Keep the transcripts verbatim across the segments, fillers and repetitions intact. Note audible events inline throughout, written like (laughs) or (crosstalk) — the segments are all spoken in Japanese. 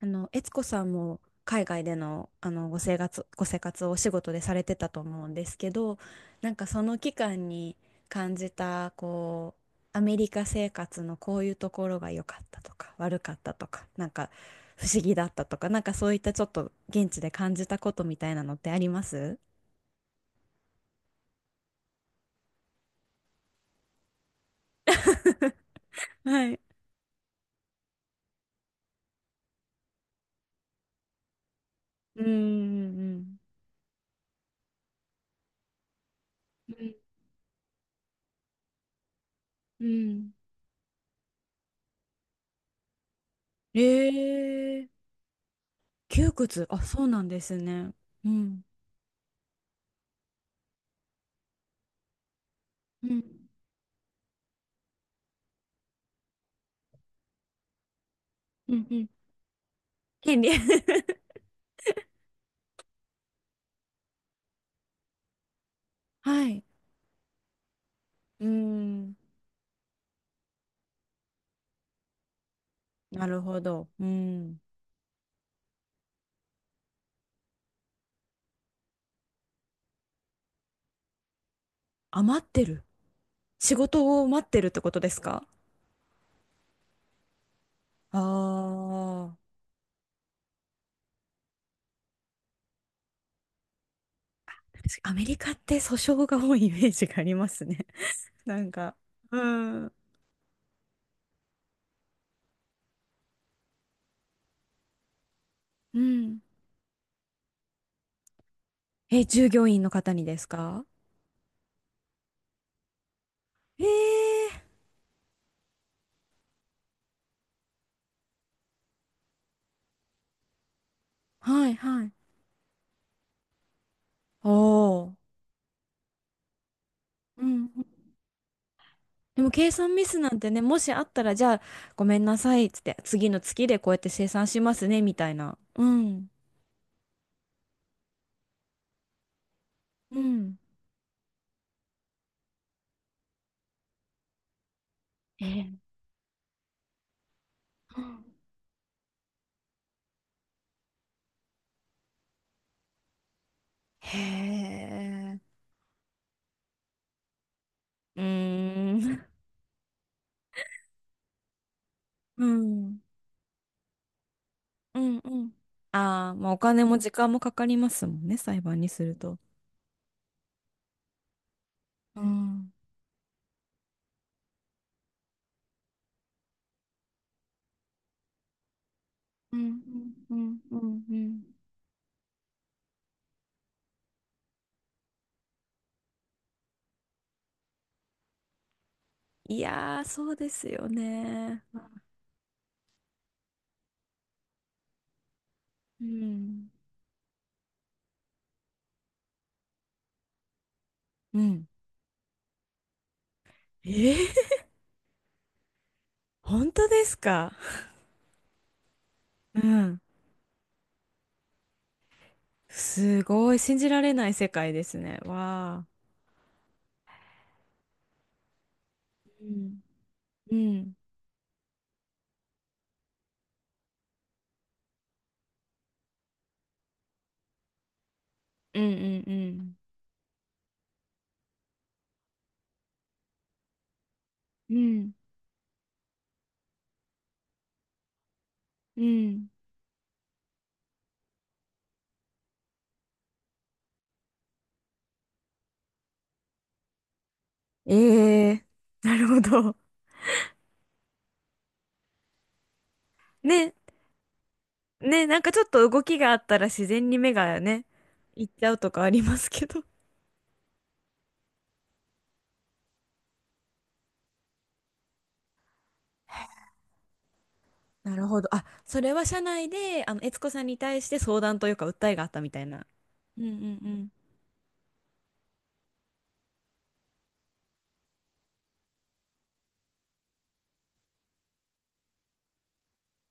あの、悦子さんも海外での、あのご生活、ご生活をお仕事でされてたと思うんですけど、なんかその期間に感じた、こう、アメリカ生活のこういうところが良かったとか、悪かったとか、なんか不思議だったとか、なんかそういったちょっと現地で感じたことみたいなのってあります？はい。うんうんうん。うんうん。えー、窮屈。あ、そうなんですね。うん。うんうんうん。権利。(laughs) はい。うーん。なるほど。うん。あ、待ってる。仕事を待ってるってことですか？ああー。確かアメリカって訴訟が多いイメージがありますね。(laughs) なんか。うん。うん。え、従業員の方にですか？ええー。はいはい。おー。うん。でも計算ミスなんてね、もしあったら、じゃあ、ごめんなさい、つって、次の月でこうやって生産しますね、みたいな。うん。うん。えー、へえ。うーん。うん。うんうん。ああ、まあお金も時間もかかりますもんね、裁判にすると。うん。うんうんうんうんうん。いやー、そうですよね。うん。うん。ええ。 (laughs) 本当ですか？うん。すごい、信じられない世界ですね。わあ。うん。うん。うんうんうん。うん。うん。ええー。 (laughs) なるほど。ね。ね、なんかちょっと動きがあったら自然に目がね、行っちゃうとかありますけど。(laughs) なるほど。あ、それは社内で、あの、悦子さんに対して相談というか訴えがあったみたいな。うんうん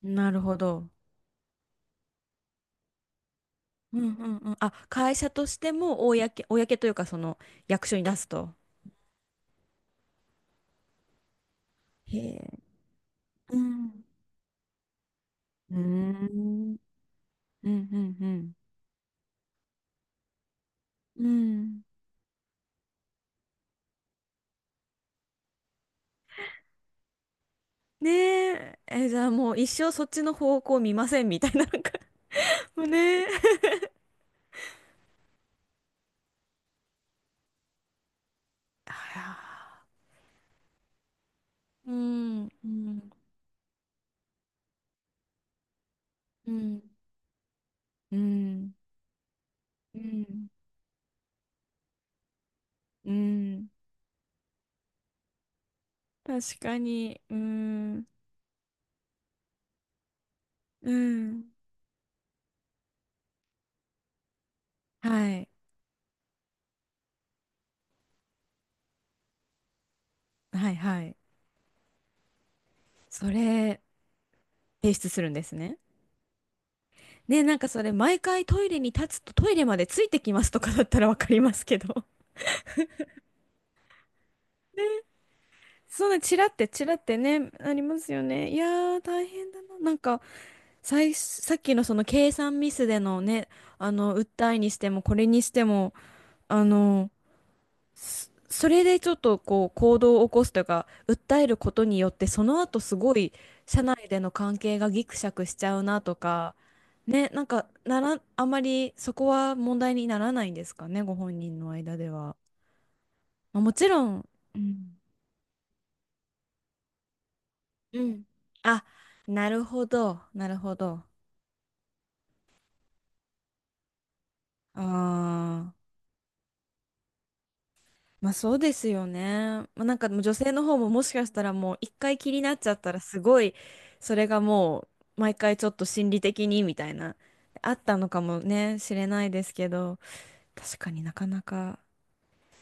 うん。なるほど。うんうんうん。あ、会社としても公、公というか、その役所に出すと。へえ。うん。うーん。うんうんうん。うん。ねえ、え、じゃあもう一生そっちの方向見ませんみたいな、なんかもうねえ。(laughs) あら。うん。うんうん、うん、うん、うん、確かに、うん、うん、はい、はい、はい。それ、提出するんですね。ね、なんかそれ、毎回トイレに立つとトイレまでついてきますとかだったらわかりますけど。そんな、チラってチラってね、ありますよね。いやー、大変だな。なんか、さい、さっきのその計算ミスでのね、あの、訴えにしても、これにしても、あの、そそれでちょっとこう行動を起こすというか訴えることによってその後すごい社内での関係がギクシャクしちゃうなとか、ね、なんかなら、あまりそこは問題にならないんですかね、ご本人の間では。まあ、もちろん。うんうん、あ、なるほどなるほど、あ、まあそうですよね。まあ、なんかもう女性の方ももしかしたらもう一回気になっちゃったら、すごいそれがもう毎回ちょっと心理的にみたいなあったのかもねしれないですけど、確かになかなか、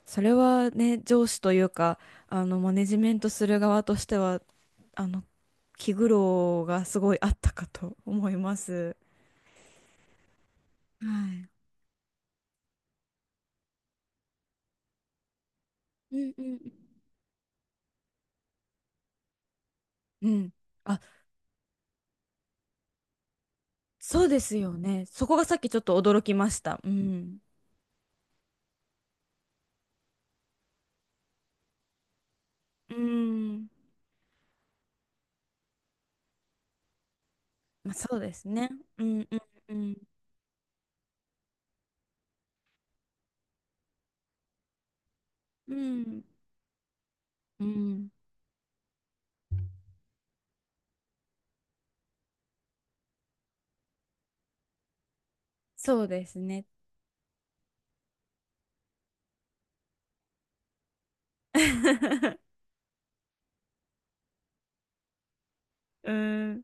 それはね、上司というか、あのマネジメントする側としては、あの気苦労がすごいあったかと思います。はい。うんうんうん。うん。あ、そうですよね。そこがさっきちょっと驚きました。うん。うん。まあ、そうですね。うんうんうん。うん。うん。そうですね。(laughs) うん。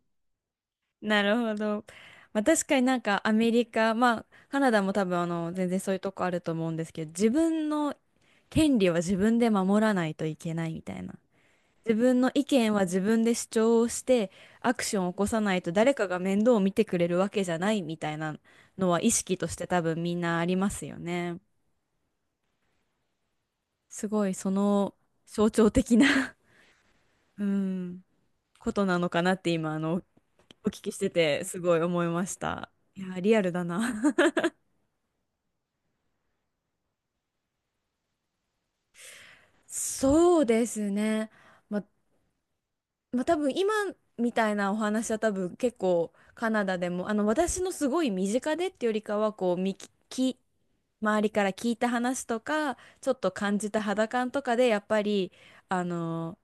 なるほど。まあ、確かになんかアメリカ、まあカナダも多分あの全然そういうとこあると思うんですけど、自分の権利は自分で守らないといけないみたいな。自分の意見は自分で主張をしてアクションを起こさないと誰かが面倒を見てくれるわけじゃないみたいなのは意識として多分みんなありますよね。すごいその象徴的な、うん、ことなのかなって今あのお聞きしててすごい思いました。いやー、リアルだな。(laughs) そうですね。ま、まあ、多分今みたいなお話は多分結構カナダでもあの私のすごい身近でってよりかはこうみき、き周りから聞いた話とかちょっと感じた肌感とかでやっぱりあの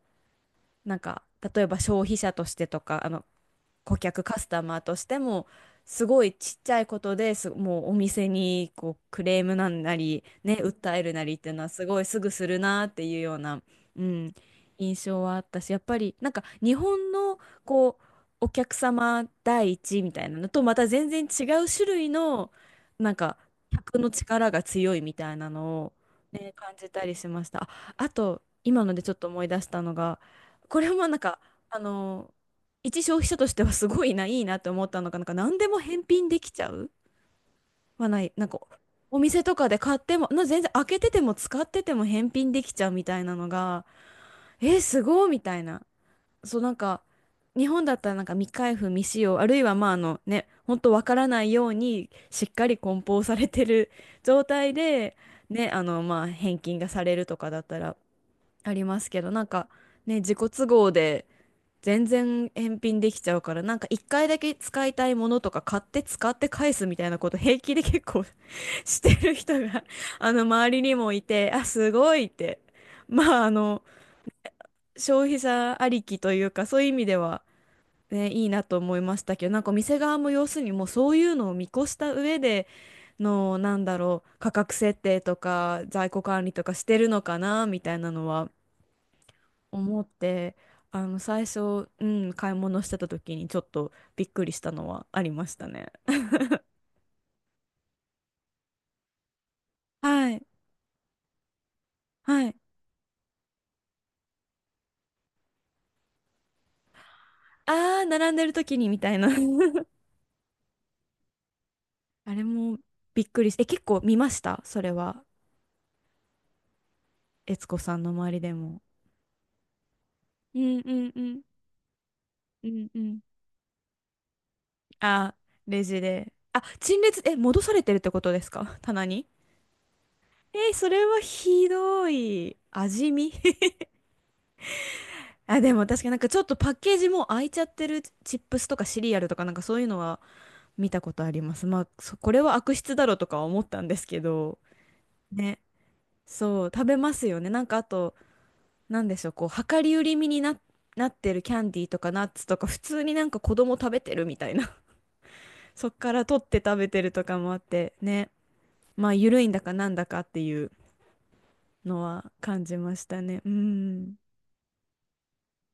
なんか、例えば消費者としてとか、あの顧客カスタマーとしてもすごいちっちゃいことです。もうお店にこうクレームなんなりね訴えるなりっていうのはすごいすぐするなっていうような、うん、印象はあったし、やっぱりなんか日本のこうお客様第一みたいなのとまた全然違う種類のなんか客の力が強いみたいなのを、ね、感じたりしました。あ、あと今のでちょっと思い出したのが、これもなんかあの一消費者としてはすごいな、いいなって思ったのが、なんか何でも返品できちゃうはない、なんかお店とかで買っても、な全然開けてても使ってても返品できちゃうみたいなのが、えー、すごいみたいな。そう、なんか日本だったらなんか未開封未使用、あるいはまあ、あのね、ほんとわからないようにしっかり梱包されてる (laughs) 状態で、ね、あのまあ返金がされるとかだったらありますけど、なんかね、自己都合で。全然返品できちゃうから、なんか一回だけ使いたいものとか買って使って返すみたいなこと平気で結構 (laughs) してる人が (laughs) あの周りにもいて、あ、すごいって。まあ、あの、消費者ありきというか、そういう意味では、ね、いいなと思いましたけど、なんか店側も要するにもうそういうのを見越した上での、なんだろう、価格設定とか在庫管理とかしてるのかな、みたいなのは思って、あの最初、うん、買い物してた時にちょっとびっくりしたのはありましたね。はいはい。ああ、並んでる時にみたいな。 (laughs) あれもびっくりし、え、結構見ましたそれは。悦子さんの周りでも。うんうんうんうんうん。あ、レジで、あ、陳列、え、戻されてるってことですか、棚に？えー、それはひどい。味見。 (laughs) あ、でも確かになんかちょっとパッケージもう開いちゃってるチップスとかシリアルとかなんかそういうのは見たことあります。まあ、そこれは悪質だろうとかは思ったんですけど、ね、そう、食べますよね。なんかあと、なんでしょう、こう、量り売り身にな、なってるキャンディーとかナッツとか、普通になんか子供食べてるみたいな (laughs)、そっから取って食べてるとかもあって、ね、まあ、緩いんだかなんだかっていうのは感じましたね。うん。